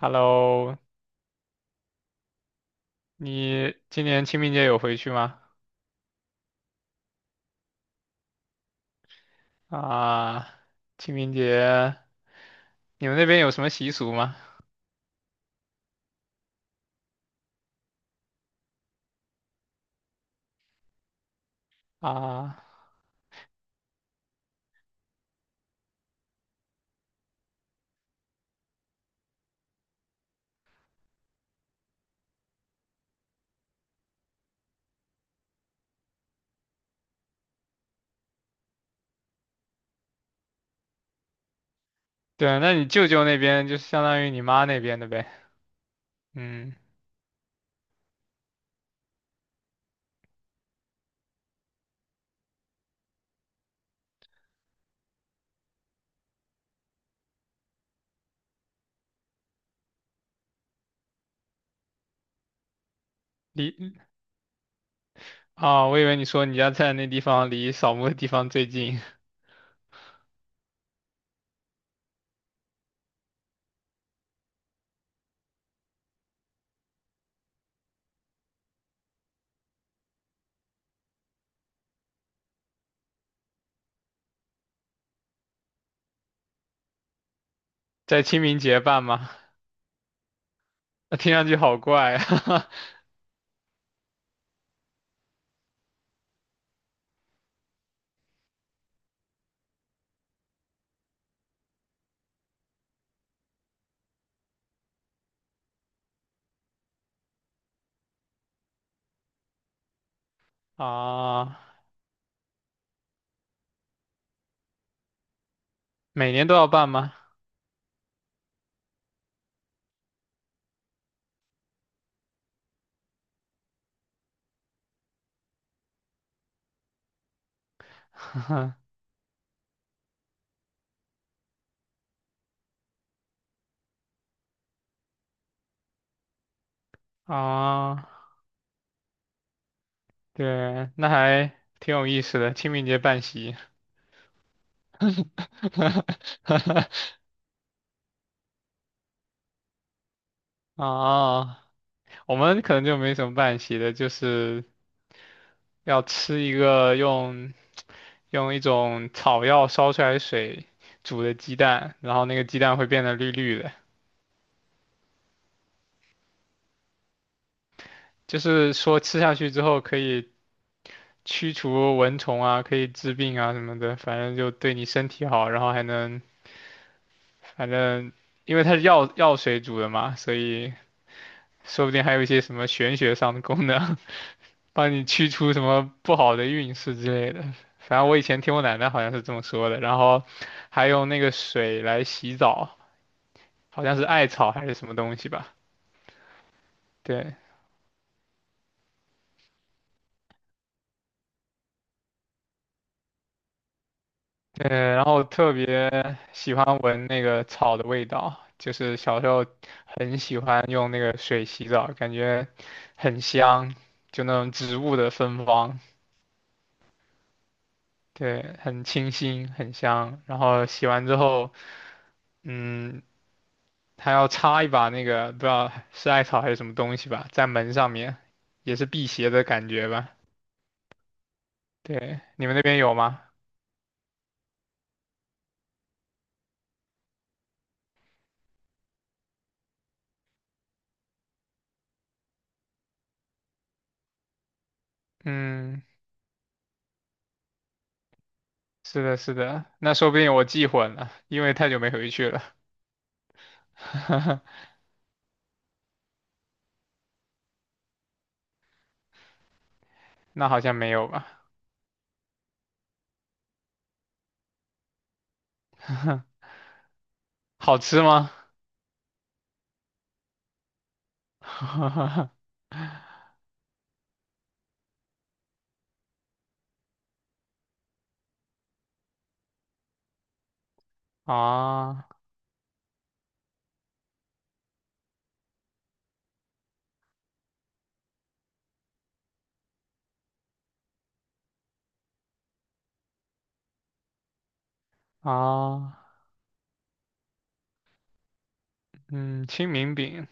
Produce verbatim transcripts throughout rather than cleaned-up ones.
Hello，你今年清明节有回去吗？啊，清明节你们那边有什么习俗吗？啊，对，那你舅舅那边就相当于你妈那边的呗。嗯，离啊，我以为你说你家在那地方离扫墓的地方最近，在清明节办吗？那听上去好怪啊！啊，每年都要办吗？啊，对，那还挺有意思的，清明节办席。啊，我们可能就没什么办席的，就是要吃一个用用一种草药烧出来的水煮的鸡蛋，然后那个鸡蛋会变得绿绿的，就是说吃下去之后可以驱除蚊虫啊，可以治病啊什么的，反正就对你身体好，然后还能反正因为它是药药水煮的嘛，所以说不定还有一些什么玄学上的功能。帮你驱除什么不好的运势之类的。反正我以前听我奶奶好像是这么说的，然后还用那个水来洗澡，好像是艾草还是什么东西吧。对对，然后特别喜欢闻那个草的味道，就是小时候很喜欢用那个水洗澡，感觉很香，就那种植物的芬芳，对，很清新，很香。然后洗完之后，嗯，他要插一把那个不知道是艾草还是什么东西吧，在门上面，也是辟邪的感觉吧？对，你们那边有吗？嗯，是的，是的，那说不定我记混了，因为太久没回去了。那好像没有吧？好吃吗？啊啊，嗯，清明饼，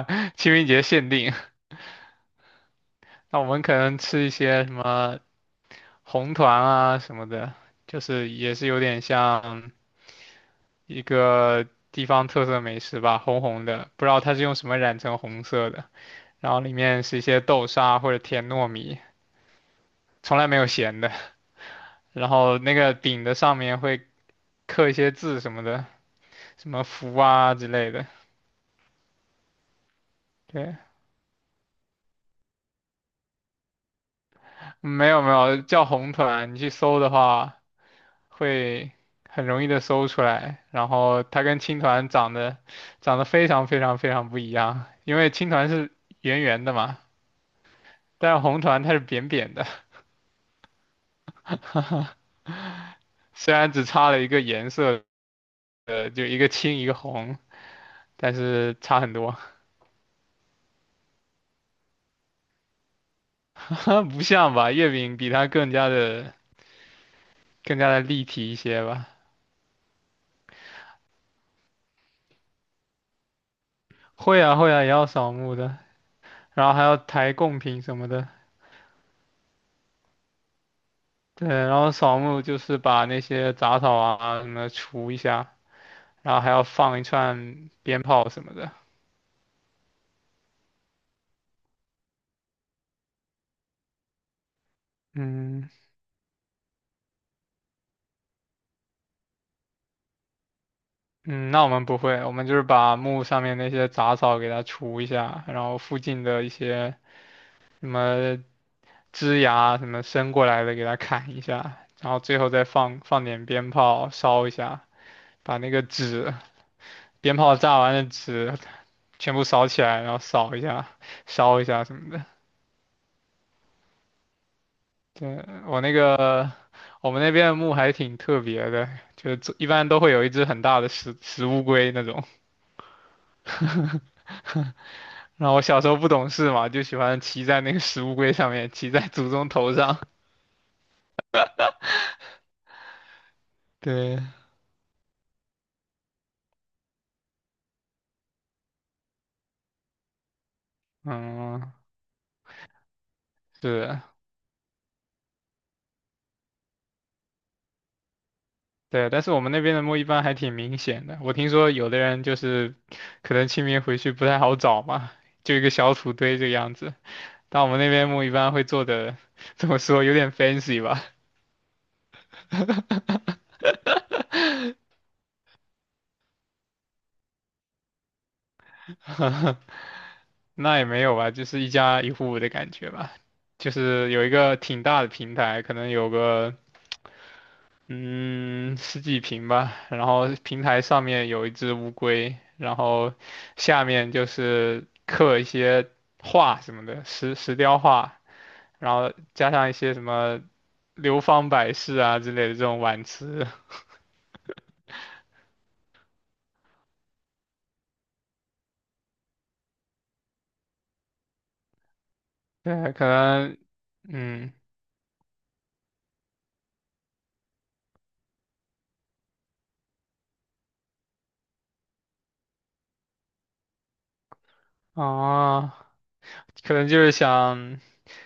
清明节限定。那我们可能吃一些什么红团啊什么的，就是也是有点像。一个地方特色美食吧，红红的，不知道它是用什么染成红色的。然后里面是一些豆沙或者甜糯米，从来没有咸的。然后那个饼的上面会刻一些字什么的，什么福啊之类的。对，没有没有，叫红团，你去搜的话会很容易的搜出来。然后它跟青团长得长得非常非常非常不一样，因为青团是圆圆的嘛，但是红团它是扁扁的。虽然只差了一个颜色，呃，就一个青一个红，但是差很多，不像吧？月饼比它更加的更加的立体一些吧。会啊会啊，也要扫墓的，然后还要抬贡品什么的。对，然后扫墓就是把那些杂草啊什么除一下，然后还要放一串鞭炮什么的。嗯嗯，那我们不会，我们就是把墓上面那些杂草给它除一下，然后附近的一些什么枝芽什么伸过来的给它砍一下，然后最后再放放点鞭炮烧一下，把那个纸鞭炮炸完的纸全部烧起来，然后扫一下、烧一下什么的。对，我那个我们那边的墓还挺特别的，就是一般都会有一只很大的石石乌龟那种。然后我小时候不懂事嘛，就喜欢骑在那个石乌龟上面，骑在祖宗头上。对，嗯，是。对，但是我们那边的墓一般还挺明显的。我听说有的人就是可能清明回去不太好找嘛，就一个小土堆这个样子。但我们那边墓一般会做的，怎么说，有点 fancy 吧。那也没有吧，就是一家一户的感觉吧，就是有一个挺大的平台，可能有个嗯十几平吧，然后平台上面有一只乌龟，然后下面就是刻一些画什么的，石石雕画，然后加上一些什么流芳百世啊之类的这种挽词，对，可能嗯啊，可能就是想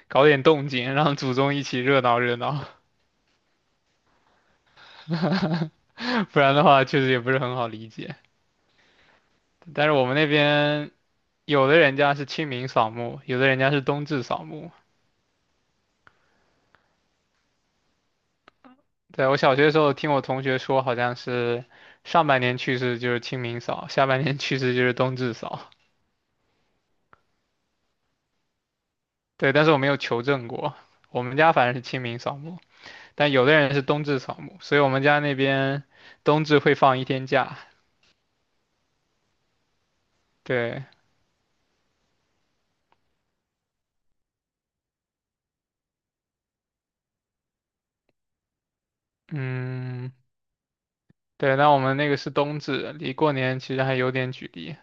搞点动静，让祖宗一起热闹热闹，不然的话确实也不是很好理解。但是我们那边有的人家是清明扫墓，有的人家是冬至扫墓。对，我小学的时候听我同学说，好像是上半年去世就是清明扫，下半年去世就是冬至扫。对，但是我没有求证过，我们家反正是清明扫墓。但有的人是冬至扫墓，所以我们家那边冬至会放一天假。对，嗯，对，那我们那个是冬至，离过年其实还有点距离。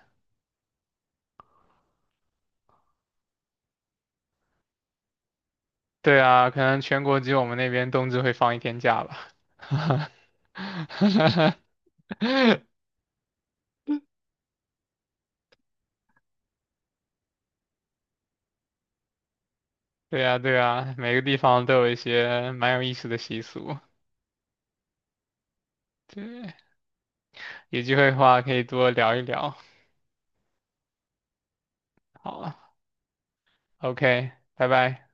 对啊，可能全国只有我们那边冬至会放一天假吧。对呀，对呀，每个地方都有一些蛮有意思的习俗。对，有机会的话可以多聊一聊。好，O K，拜拜。